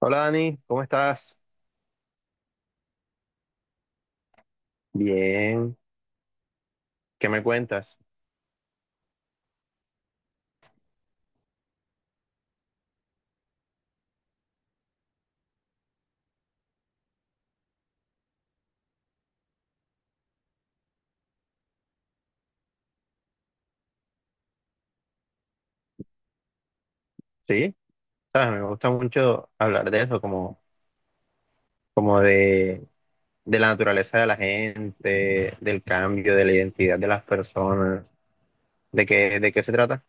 Hola Dani, ¿cómo estás? Bien, ¿qué me cuentas? Sí, sabes, me gusta mucho hablar de eso, como de la naturaleza de la gente, del cambio, de la identidad de las personas, de qué se trata,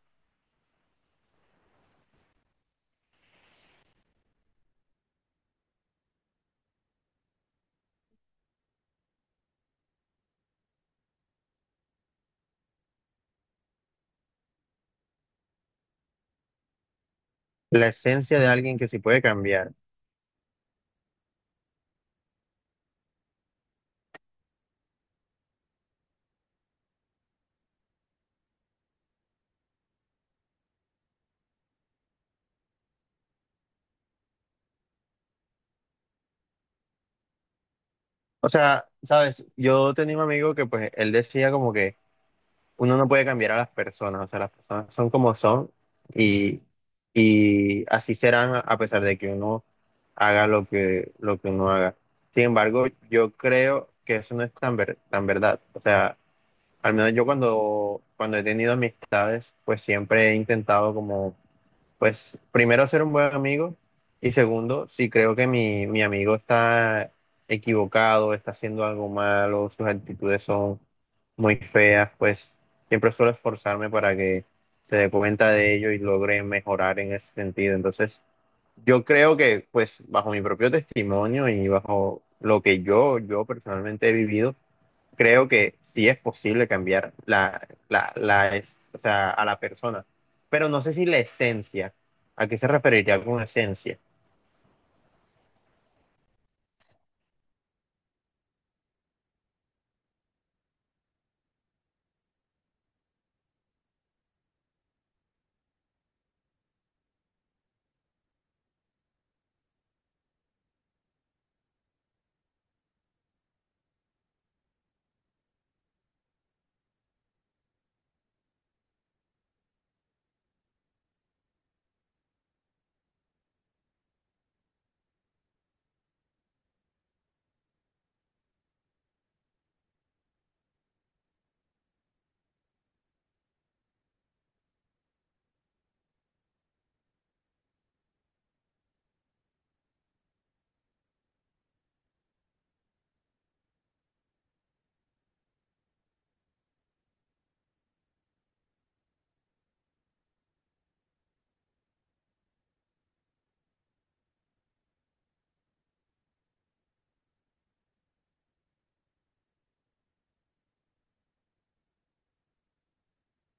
la esencia de alguien que sí puede cambiar. O sea, sabes, yo tenía un amigo que pues él decía como que uno no puede cambiar a las personas, o sea, las personas son como son y, y así serán a pesar de que uno haga lo que uno haga. Sin embargo, yo creo que eso no es tan verdad. O sea, al menos yo cuando he tenido amistades, pues siempre he intentado como pues primero ser un buen amigo y segundo, si creo que mi amigo está equivocado, está haciendo algo malo, sus actitudes son muy feas, pues siempre suelo esforzarme para que se dé cuenta de ello y logre mejorar en ese sentido. Entonces, yo creo que pues bajo mi propio testimonio y bajo lo que yo personalmente he vivido, creo que sí es posible cambiar o sea, a la persona, pero no sé si la esencia, ¿a qué se referiría con esencia?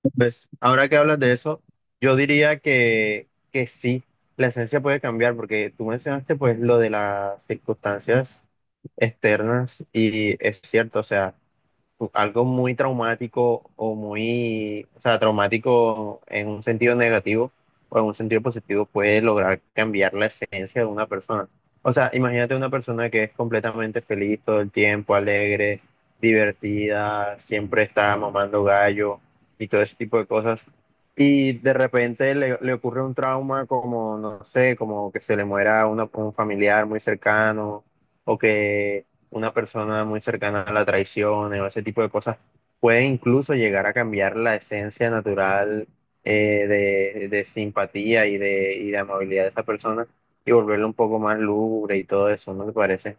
Pues ahora que hablas de eso, yo diría que sí, la esencia puede cambiar, porque tú mencionaste pues lo de las circunstancias externas y es cierto, o sea, algo muy traumático o traumático en un sentido negativo o en un sentido positivo puede lograr cambiar la esencia de una persona. O sea, imagínate una persona que es completamente feliz todo el tiempo, alegre, divertida, siempre está mamando gallo y todo ese tipo de cosas. Y de repente le ocurre un trauma como, no sé, como que se le muera un familiar muy cercano o que una persona muy cercana a la traición o ese tipo de cosas, puede incluso llegar a cambiar la esencia natural eh, de simpatía y de amabilidad de esa persona y volverlo un poco más lúgubre y todo eso, ¿no te parece?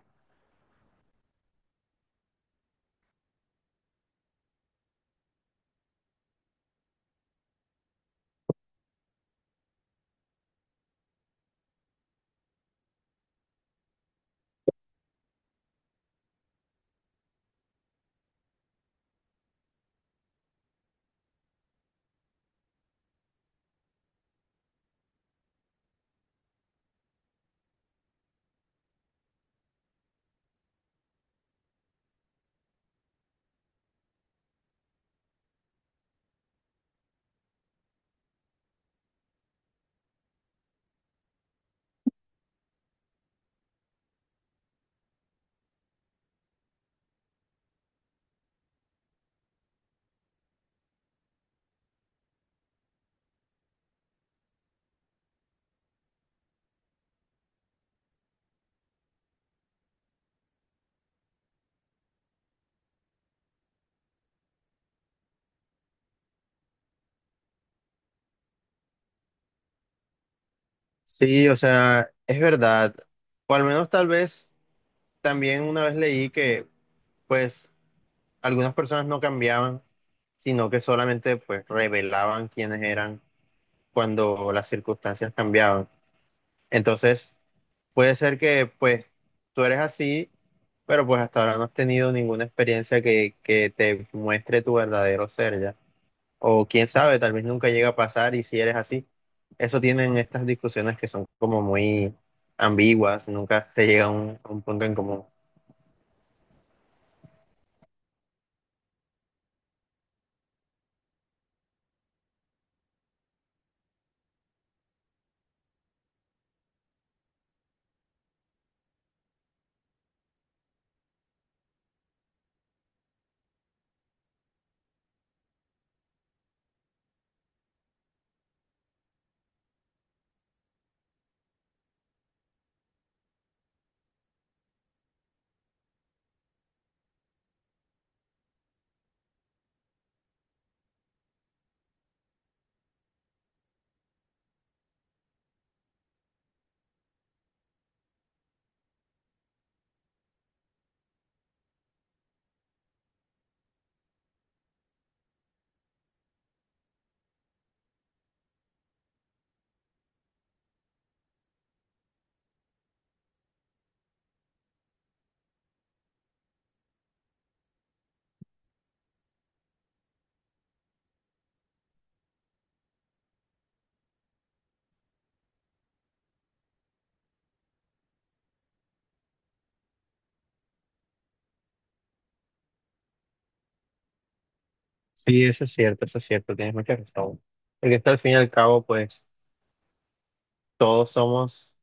Sí, o sea, es verdad. O al menos tal vez también una vez leí que pues algunas personas no cambiaban, sino que solamente pues revelaban quiénes eran cuando las circunstancias cambiaban. Entonces, puede ser que pues tú eres así, pero pues hasta ahora no has tenido ninguna experiencia que te muestre tu verdadero ser ya. O quién sabe, tal vez nunca llega a pasar y si eres así. Eso tienen estas discusiones que son como muy ambiguas, nunca se llega a a un punto en común. Sí, eso es cierto, tienes mucha razón. Porque esto al fin y al cabo, pues todos somos,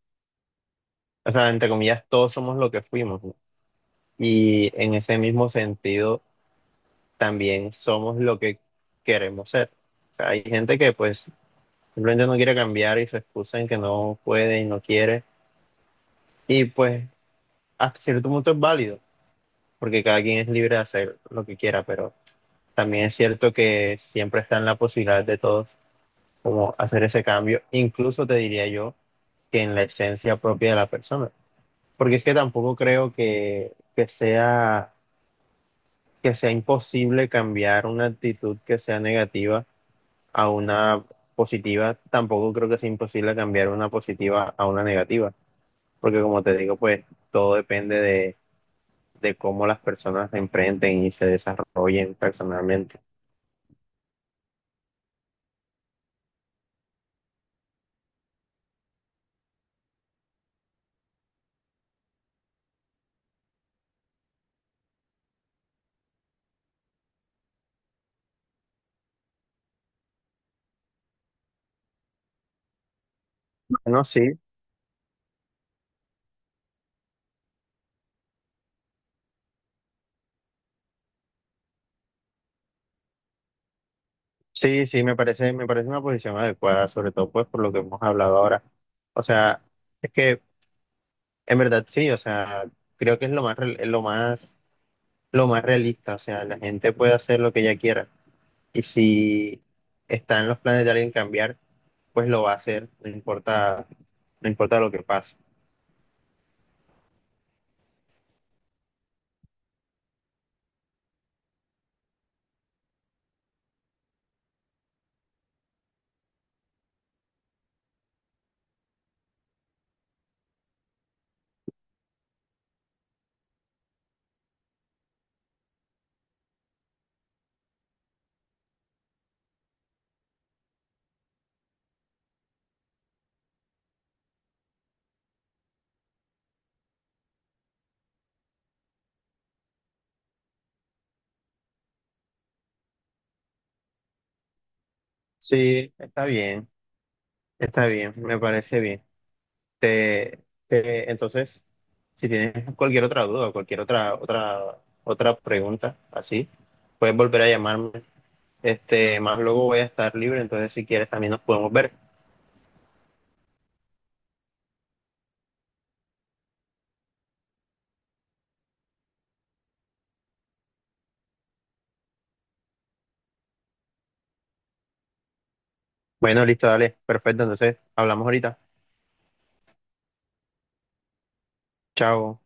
o sea, entre comillas, todos somos lo que fuimos, ¿no? Y en ese mismo sentido también somos lo que queremos ser. O sea, hay gente que pues simplemente no quiere cambiar y se excusa en que no puede y no quiere. Y pues hasta cierto punto es válido, porque cada quien es libre de hacer lo que quiera, pero también es cierto que siempre está en la posibilidad de todos como hacer ese cambio, incluso te diría yo que en la esencia propia de la persona. Porque es que tampoco creo que sea imposible cambiar una actitud que sea negativa a una positiva, tampoco creo que sea imposible cambiar una positiva a una negativa, porque como te digo, pues todo depende de cómo las personas se enfrenten y se desarrollen personalmente. No, sí, sí, me parece una posición adecuada, sobre todo pues por lo que hemos hablado ahora. O sea, es que en verdad sí, o sea, creo que es lo más realista, o sea, la gente puede hacer lo que ella quiera y si está en los planes de alguien cambiar pues lo va a hacer, no importa, no importa lo que pase. Sí, está bien, me parece bien. Te, entonces, si tienes cualquier otra duda, o cualquier otra pregunta, así, puedes volver a llamarme. Este, más luego voy a estar libre, entonces si quieres también nos podemos ver. Bueno, listo, dale, perfecto, entonces hablamos ahorita. Chao.